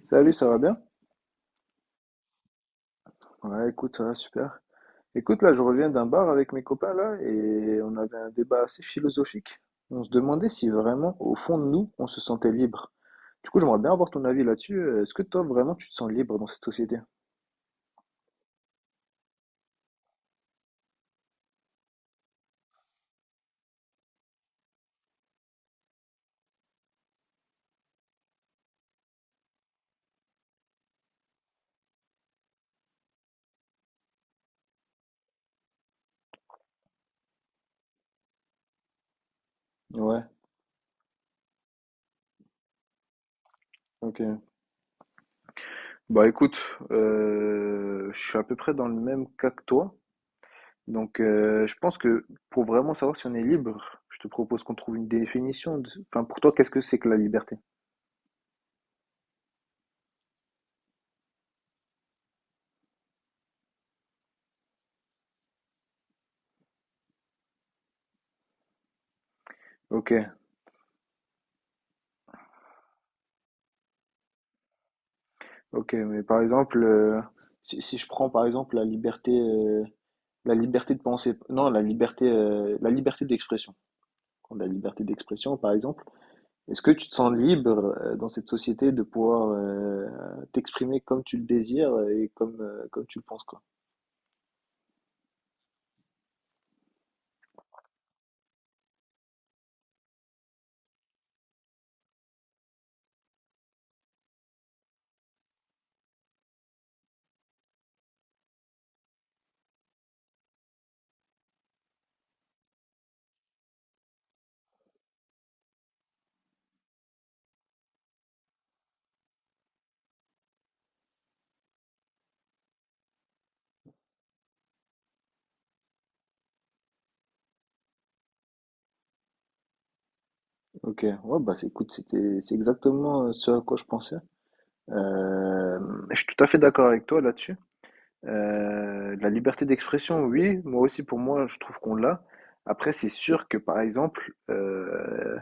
Salut, ça va bien? Ouais, écoute, ça va super. Écoute, là, je reviens d'un bar avec mes copains, là, et on avait un débat assez philosophique. On se demandait si vraiment, au fond de nous, on se sentait libre. Du coup, j'aimerais bien avoir ton avis là-dessus. Est-ce que toi, vraiment, tu te sens libre dans cette société? Ouais, ok. Bah écoute, je suis à peu près dans le même cas que toi. Donc, je pense que pour vraiment savoir si on est libre, je te propose qu'on trouve une définition. Enfin, pour toi, qu'est-ce que c'est que la liberté? Ok. Ok, mais par exemple, si je prends par exemple la liberté de penser, non, la liberté d'expression. Quand La liberté d'expression, par exemple, est-ce que tu te sens libre dans cette société de pouvoir t'exprimer comme tu le désires et comme, comme tu le penses, quoi? Ok, ouais, écoute, c'est exactement ce à quoi je pensais. Euh, je suis tout à fait d'accord avec toi là-dessus. La liberté d'expression, oui, moi aussi, pour moi, je trouve qu'on l'a. Après, c'est sûr que, par exemple,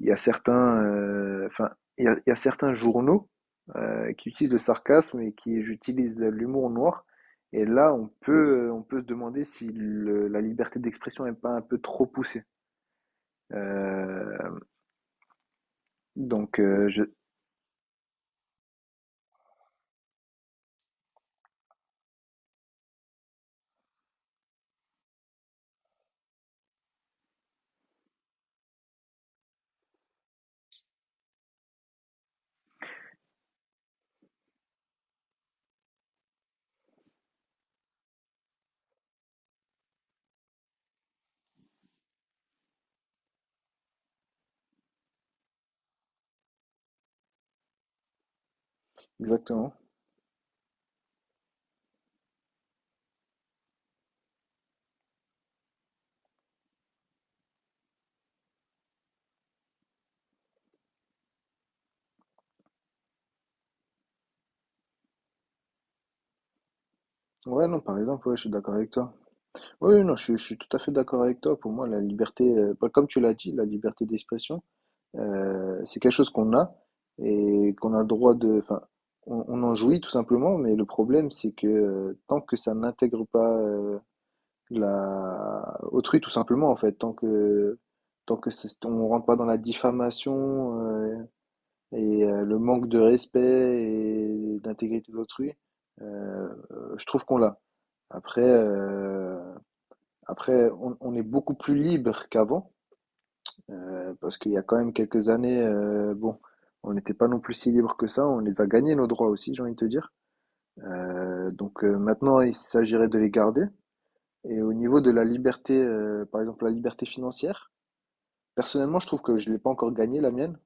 il y a certains, enfin, il y a certains journaux qui utilisent le sarcasme et qui utilisent l'humour noir. Et là, on peut se demander si la liberté d'expression n'est pas un peu trop poussée. Euh, donc, euh, je, exactement. Ouais, non, par exemple, ouais, je suis d'accord avec toi. Oui, non, je suis tout à fait d'accord avec toi. Pour moi, la liberté, bah, comme tu l'as dit, la liberté d'expression, c'est quelque chose qu'on a et qu'on a le droit de, enfin, on en jouit tout simplement. Mais le problème, c'est que tant que ça n'intègre pas la autrui, tout simplement, en fait, tant que on rentre pas dans la diffamation et le manque de respect et d'intégrité d'autrui, je trouve qu'on l'a. Après. euh, après, on est beaucoup plus libre qu'avant, parce qu'il y a quand même quelques années, bon, on n'était pas non plus si libre que ça. On les a gagnés nos droits aussi, j'ai envie de te dire. Maintenant, il s'agirait de les garder. Et au niveau de la liberté, par exemple la liberté financière, personnellement, je trouve que je l'ai pas encore gagnée la mienne.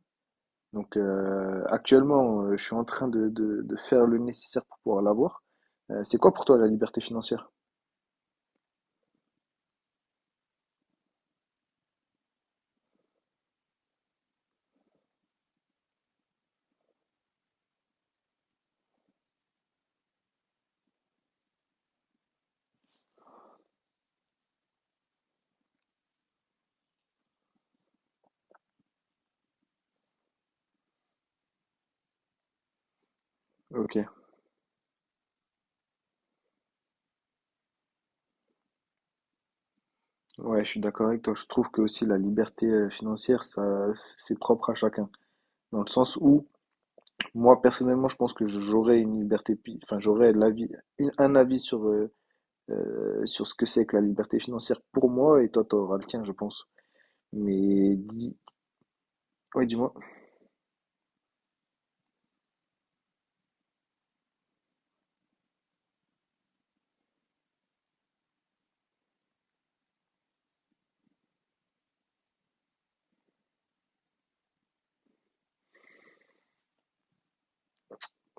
Donc actuellement, je suis en train de faire le nécessaire pour pouvoir l'avoir. C'est quoi pour toi la liberté financière? Ok. Ouais, je suis d'accord avec toi. Je trouve que aussi la liberté financière, ça, c'est propre à chacun. Dans le sens où, moi personnellement, je pense que j'aurais une liberté, enfin, j'aurais l'avis, un avis sur, sur ce que c'est que la liberté financière pour moi, et toi, t'auras le tien, je pense. Mais, ouais, dis-moi.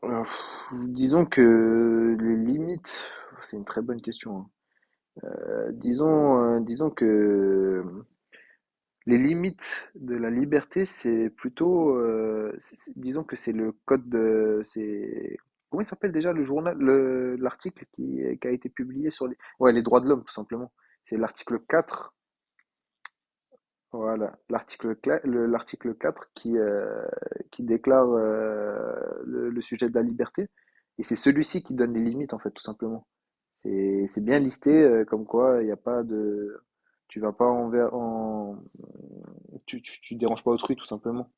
Euh, pff, disons que les limites, c'est une très bonne question, hein. Disons que les limites de la liberté, c'est plutôt, c'est disons que c'est le code, c'est comment il s'appelle déjà le journal le l'article qui a été publié sur les ouais, les droits de l'homme, tout simplement. C'est l'article 4. Voilà, l'article 4 qui déclare le sujet de la liberté, et c'est celui-ci qui donne les limites, en fait, tout simplement. C'est bien listé, comme quoi il n'y a pas de... Tu vas pas envers... En... tu déranges pas autrui, tout simplement.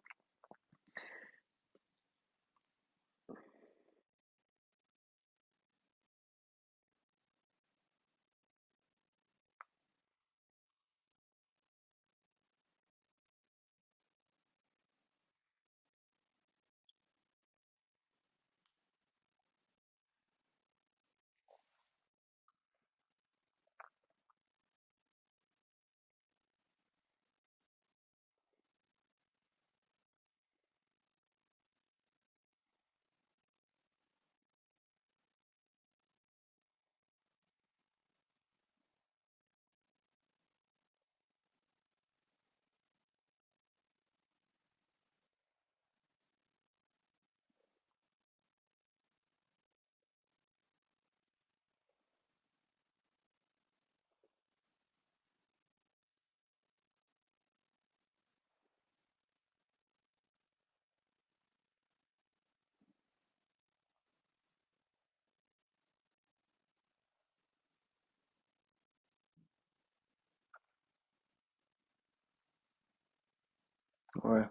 Ouais,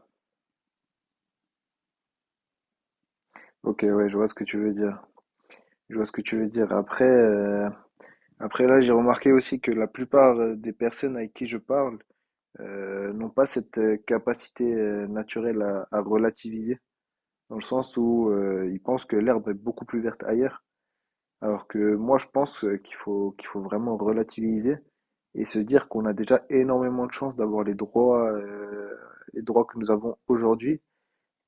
ok, ouais, je vois ce que tu veux dire. Je vois ce que tu veux dire. Après, après là, j'ai remarqué aussi que la plupart des personnes avec qui je parle n'ont pas cette capacité naturelle à relativiser. Dans le sens où ils pensent que l'herbe est beaucoup plus verte ailleurs, alors que moi je pense qu'il faut vraiment relativiser et se dire qu'on a déjà énormément de chance d'avoir les droits que nous avons aujourd'hui,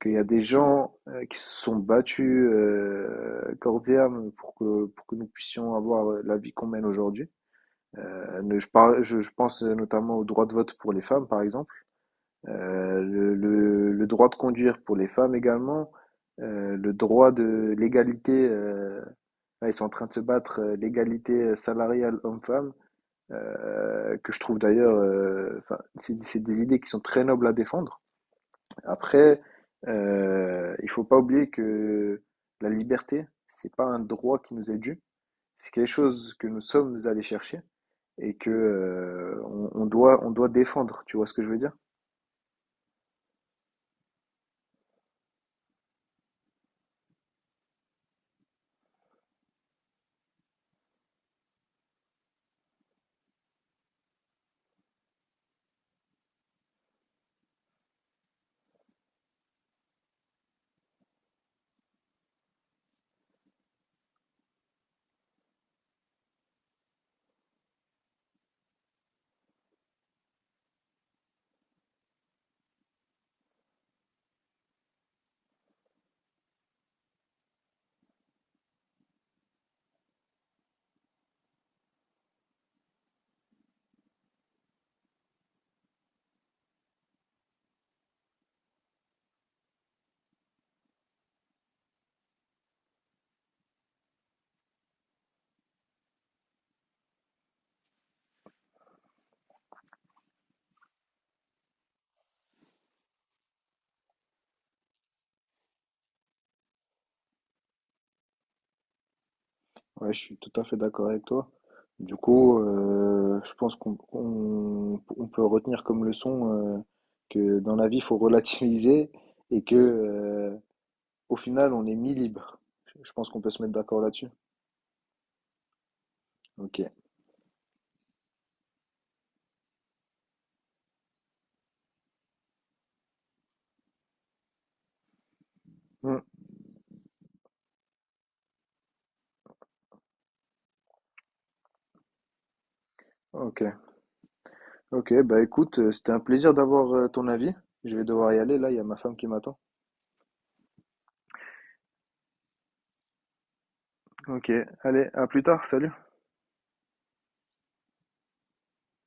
qu'il y a des gens qui se sont battus corps et âme pour que nous puissions avoir la vie qu'on mène aujourd'hui. Je pense notamment au droit de vote pour les femmes, par exemple. Le droit de conduire pour les femmes également, le droit de l'égalité, là ils sont en train de se battre, l'égalité salariale homme-femme, que je trouve d'ailleurs, enfin, c'est des idées qui sont très nobles à défendre. Après, il faut pas oublier que la liberté, c'est pas un droit qui nous est dû, c'est quelque chose que nous sommes allés chercher et que on doit défendre, tu vois ce que je veux dire? Ouais, je suis tout à fait d'accord avec toi. Du coup, je pense on peut retenir comme leçon euh, que dans la vie, il faut relativiser et que au final, on est mi-libre. Je pense qu'on peut se mettre d'accord là-dessus. Ok. Hmm. Ok. Ok. Bah écoute, c'était un plaisir d'avoir ton avis. Je vais devoir y aller là. Il y a ma femme qui m'attend. Ok. Allez, à plus tard. Salut.